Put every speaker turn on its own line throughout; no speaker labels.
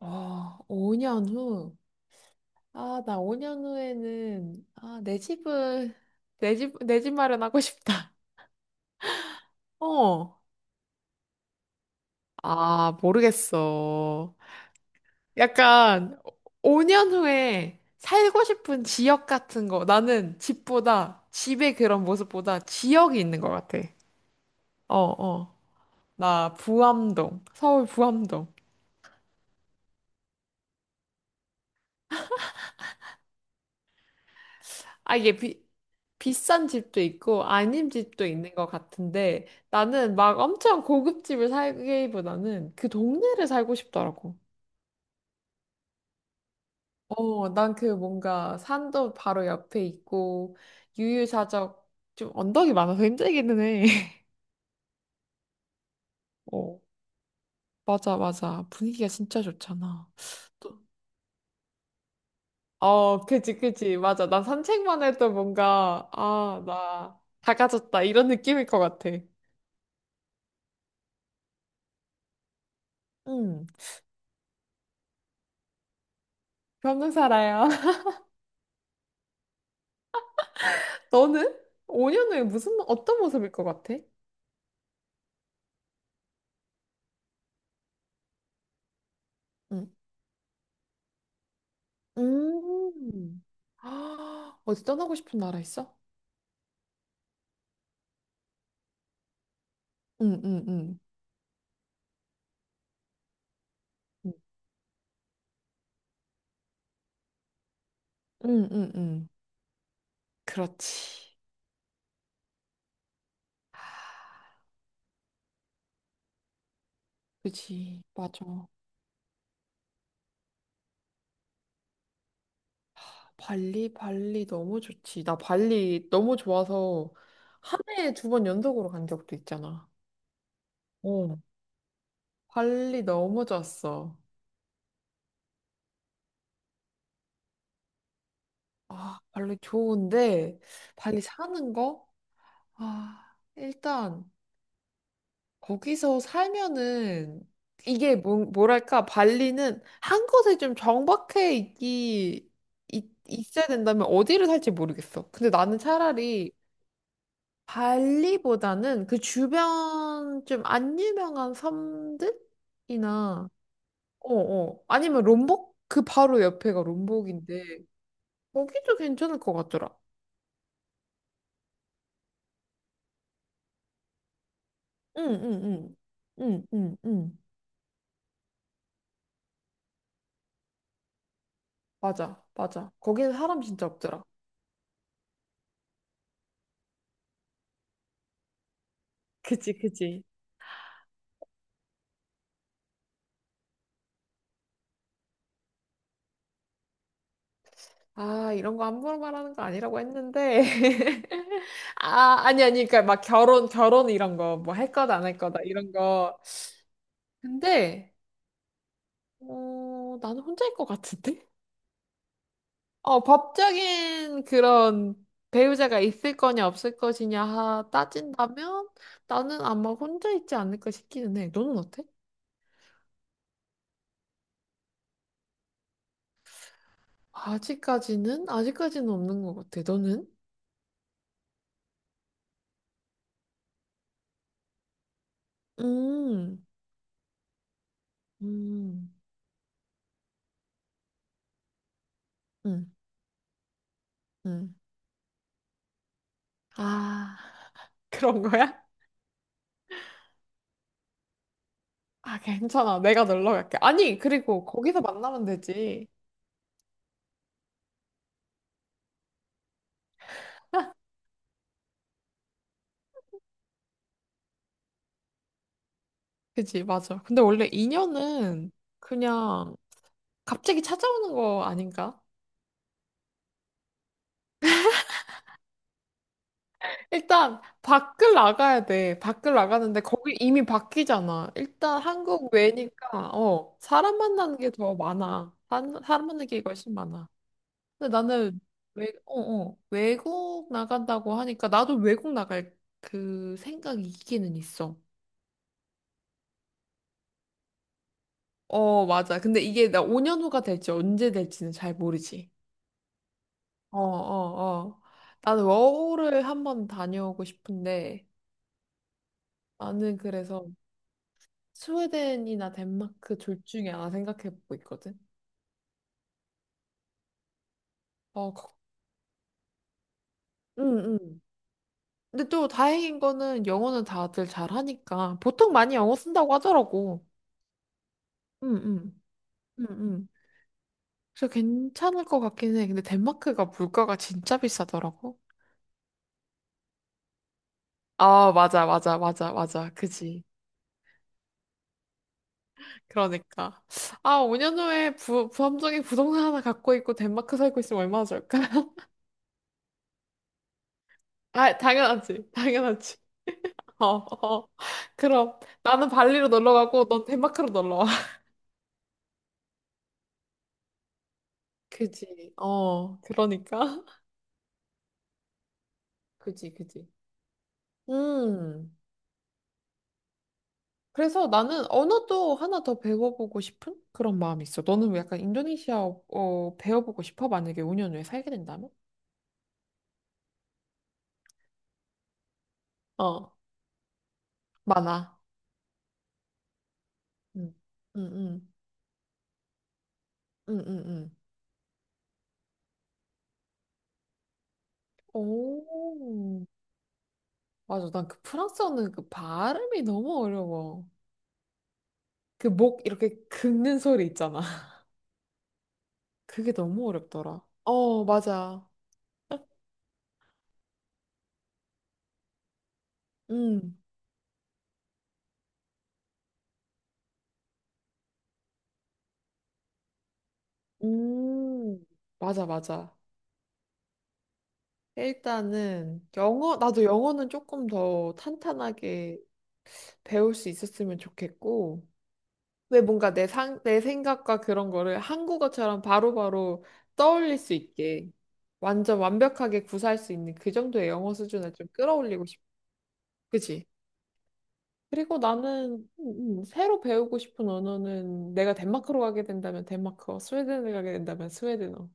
아, 5년 후. 아, 나 5년 후에는, 아, 내 집 마련하고 싶다. 어. 아, 모르겠어. 약간, 5년 후에 살고 싶은 지역 같은 거. 나는 집보다, 집의 그런 모습보다 지역이 있는 것 같아. 어, 어. 나 부암동, 서울 부암동. 아, 이게 비싼 집도 있고 아닌 집도 있는 것 같은데 나는 막 엄청 고급집을 살기보다는 그 동네를 살고 싶더라고. 어, 난 그 뭔가 산도 바로 옆에 있고 유유자적 좀 언덕이 많아서 힘들기는 해. 어, 맞아, 맞아. 분위기가 진짜 좋잖아. 또, 어, 그지, 그지. 맞아. 난 산책만 해도 뭔가, 아, 나 작아졌다. 이런 느낌일 것 같아. 응, 변호사라요. 너는 5년 후에 어떤 모습일 것 같아? 응. 음. 아, 어디 떠나고 싶은 나라 있어? 응, 응, 응. 응, 응, 응. 응. 그렇지. 그지. 맞아. 발리, 발리 너무 좋지. 나 발리 너무 좋아서 한 해에 두 번 연속으로 간 적도 있잖아. 어. 발리 너무 좋았어. 아, 발리 좋은데, 발리 사는 거? 아, 일단. 거기서 살면은 이게 뭐랄까 발리는 한 곳에 좀 정박해 있어야 된다면 어디를 살지 모르겠어. 근데 나는 차라리 발리보다는 그 주변 좀 안 유명한 섬들이나 어어 아니면 롬복 그 바로 옆에가 롬복인데 거기도 괜찮을 것 같더라. 응응응응응응 맞아 맞아 거기는 사람 진짜 없더라. 그치, 그치. 아, 이런 거 함부로 말하는 거 아니라고 했는데. 아, 아니, 아니, 그러니까 막 결혼, 결혼 이런 거, 뭐 할 거다, 안 할 거다, 이런 거. 근데, 어, 나는 혼자일 것 같은데? 어, 법적인 그런 배우자가 있을 거냐, 없을 것이냐 따진다면 나는 아마 혼자 있지 않을까 싶기는 해. 너는 어때? 아직까지는? 아직까지는 없는 것 같아. 너는? 음, 음, 음, 음. 아, 그런 거야? 아, 괜찮아. 내가 놀러 갈게. 아니, 그리고 거기서 만나면 되지. 그지, 맞아. 근데 원래 인연은 그냥 갑자기 찾아오는 거 아닌가? 일단 밖을 나가야 돼. 밖을 나가는데 거기 이미 바뀌잖아. 일단 한국 외니까 어, 사람 만나는 게 더 많아. 사람 만나는 게 훨씬 많아. 근데 나는 외국 나간다고 하니까 나도 외국 나갈 그 생각이 있기는 있어. 어, 맞아. 근데 이게 나 5년 후가 될지 언제 될지는 잘 모르지. 어, 어, 어. 나는 워홀을 한번 다녀오고 싶은데 나는 그래서 스웨덴이나 덴마크 둘 중에 하나 생각해보고 있거든. 어, 응, 응. 근데 또 다행인 거는 영어는 다들 잘하니까 보통 많이 영어 쓴다고 하더라고. 응, 응, 응, 응. 그래서 괜찮을 것 같긴 해. 근데 덴마크가 물가가 진짜 비싸더라고. 아, 맞아, 맞아, 맞아, 맞아. 그지. 그러니까. 아, 5년 후에 부함정에 부동산 하나 갖고 있고 덴마크 살고 있으면 얼마나 좋을까? 아, 당연하지. 당연하지. 어, 어. 그럼 나는 발리로 놀러 가고 넌 덴마크로 놀러 와. 그지, 어, 그러니까. 그지, 그지. 음. 그래서 나는 언어도 하나 더 배워보고 싶은 그런 마음이 있어. 너는 왜 약간 인도네시아 배워보고 싶어? 만약에 5년 후에 살게 된다면? 어, 많아. 응 응, 응, 응, 응, 응. 오, 맞아. 난 그 프랑스어는 그 발음이 너무 어려워. 그 목 이렇게 긁는 소리 있잖아. 그게 너무 어렵더라. 어, 맞아. 음, 음, 맞아, 맞아. 일단은 영어, 나도 영어는 조금 더 탄탄하게 배울 수 있었으면 좋겠고, 왜 뭔가 내 생각과 그런 거를 한국어처럼 바로바로 떠올릴 수 있게 완전 완벽하게 구사할 수 있는 그 정도의 영어 수준을 좀 끌어올리고 그지 그리고 나는 새로 배우고 싶은 언어는 내가 덴마크로 가게 된다면 덴마크어, 스웨덴을 가게 된다면 스웨덴어.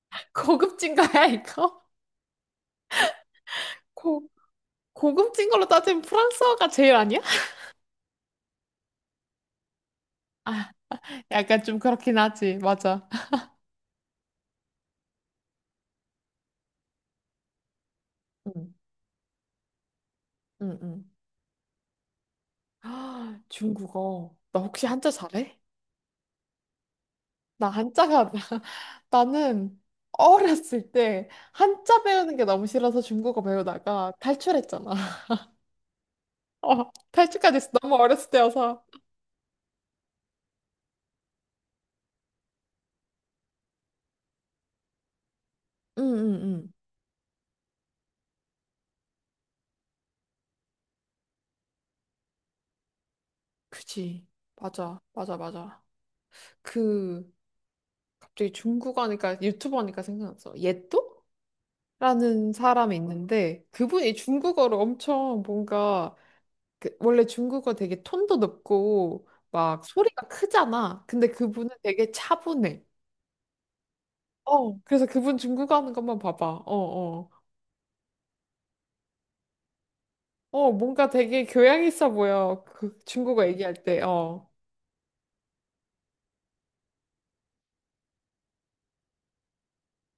고급진가야, 이거? 고, 고급진 걸로 따지면 프랑스어가 제일 아니야? 약간 좀 그렇긴 하지, 맞아. 응, 응, 응. 아, 중국어. 나 혹시 한자 잘해? 나 한자가, 나는 어렸을 때 한자 배우는 게 너무 싫어서 중국어 배우다가 탈출했잖아. 어, 탈출까지 했어. 너무 어렸을 때여서. 응응응. 그지. 맞아, 맞아, 맞아. 그, 갑자기 중국 하니까, 유튜버 하니까 생각났어. 예또? 라는 사람이 있는데, 그분이 중국어를 엄청 뭔가, 그, 원래 중국어 되게 톤도 높고, 막 소리가 크잖아. 근데 그분은 되게 차분해. 어, 그래서 그분 중국어 하는 것만 봐봐. 어, 어. 어, 뭔가 되게 교양 있어 보여. 그 중국어 얘기할 때. 어.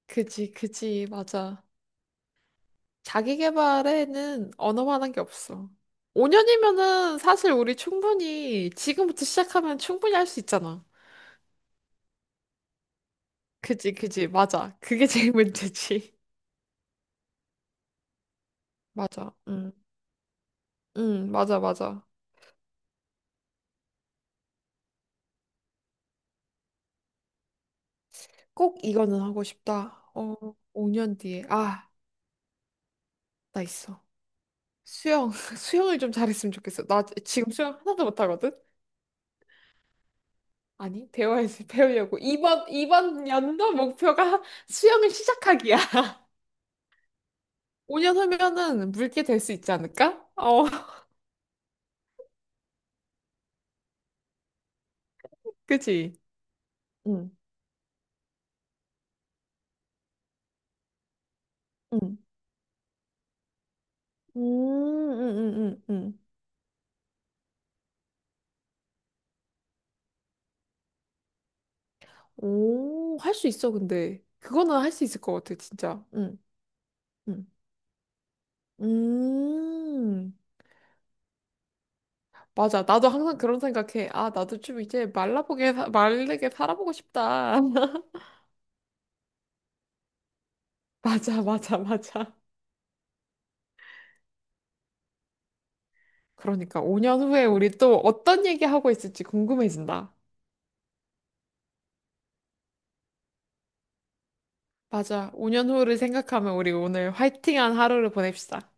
그지, 그지, 맞아. 자기 개발에는 언어만한 게 없어. 5년이면은 사실 우리 충분히 지금부터 시작하면 충분히 할 수 있잖아. 그지, 그지, 맞아. 그게 제일 문제지. 맞아. 응, 응, 맞아, 맞아. 꼭 이거는 하고 싶다. 어, 5년 뒤에. 아, 나 있어. 수영, 수영을 좀 잘했으면 좋겠어. 나 지금 수영 하나도 못하거든? 아니, 배워야지, 배우려고. 이번 연도 목표가 수영을 시작하기야. 5년 후면은 물게 될 수 있지 않을까? 어. 그치? 응, 응. 음, 음, 음, 음, 음. 오, 할 수 있어, 근데. 그거는 할 수 있을 것 같아, 진짜. 응, 응. 음, 맞아. 나도 항상 그런 생각해. 아, 나도 좀 이제 말라보게, 마르게 살아보고 싶다. 맞아, 맞아, 맞아. 그러니까 5년 후에 우리 또 어떤 얘기하고 있을지 궁금해진다. 맞아. 5년 후를 생각하면 우리 오늘 화이팅한 하루를 보냅시다.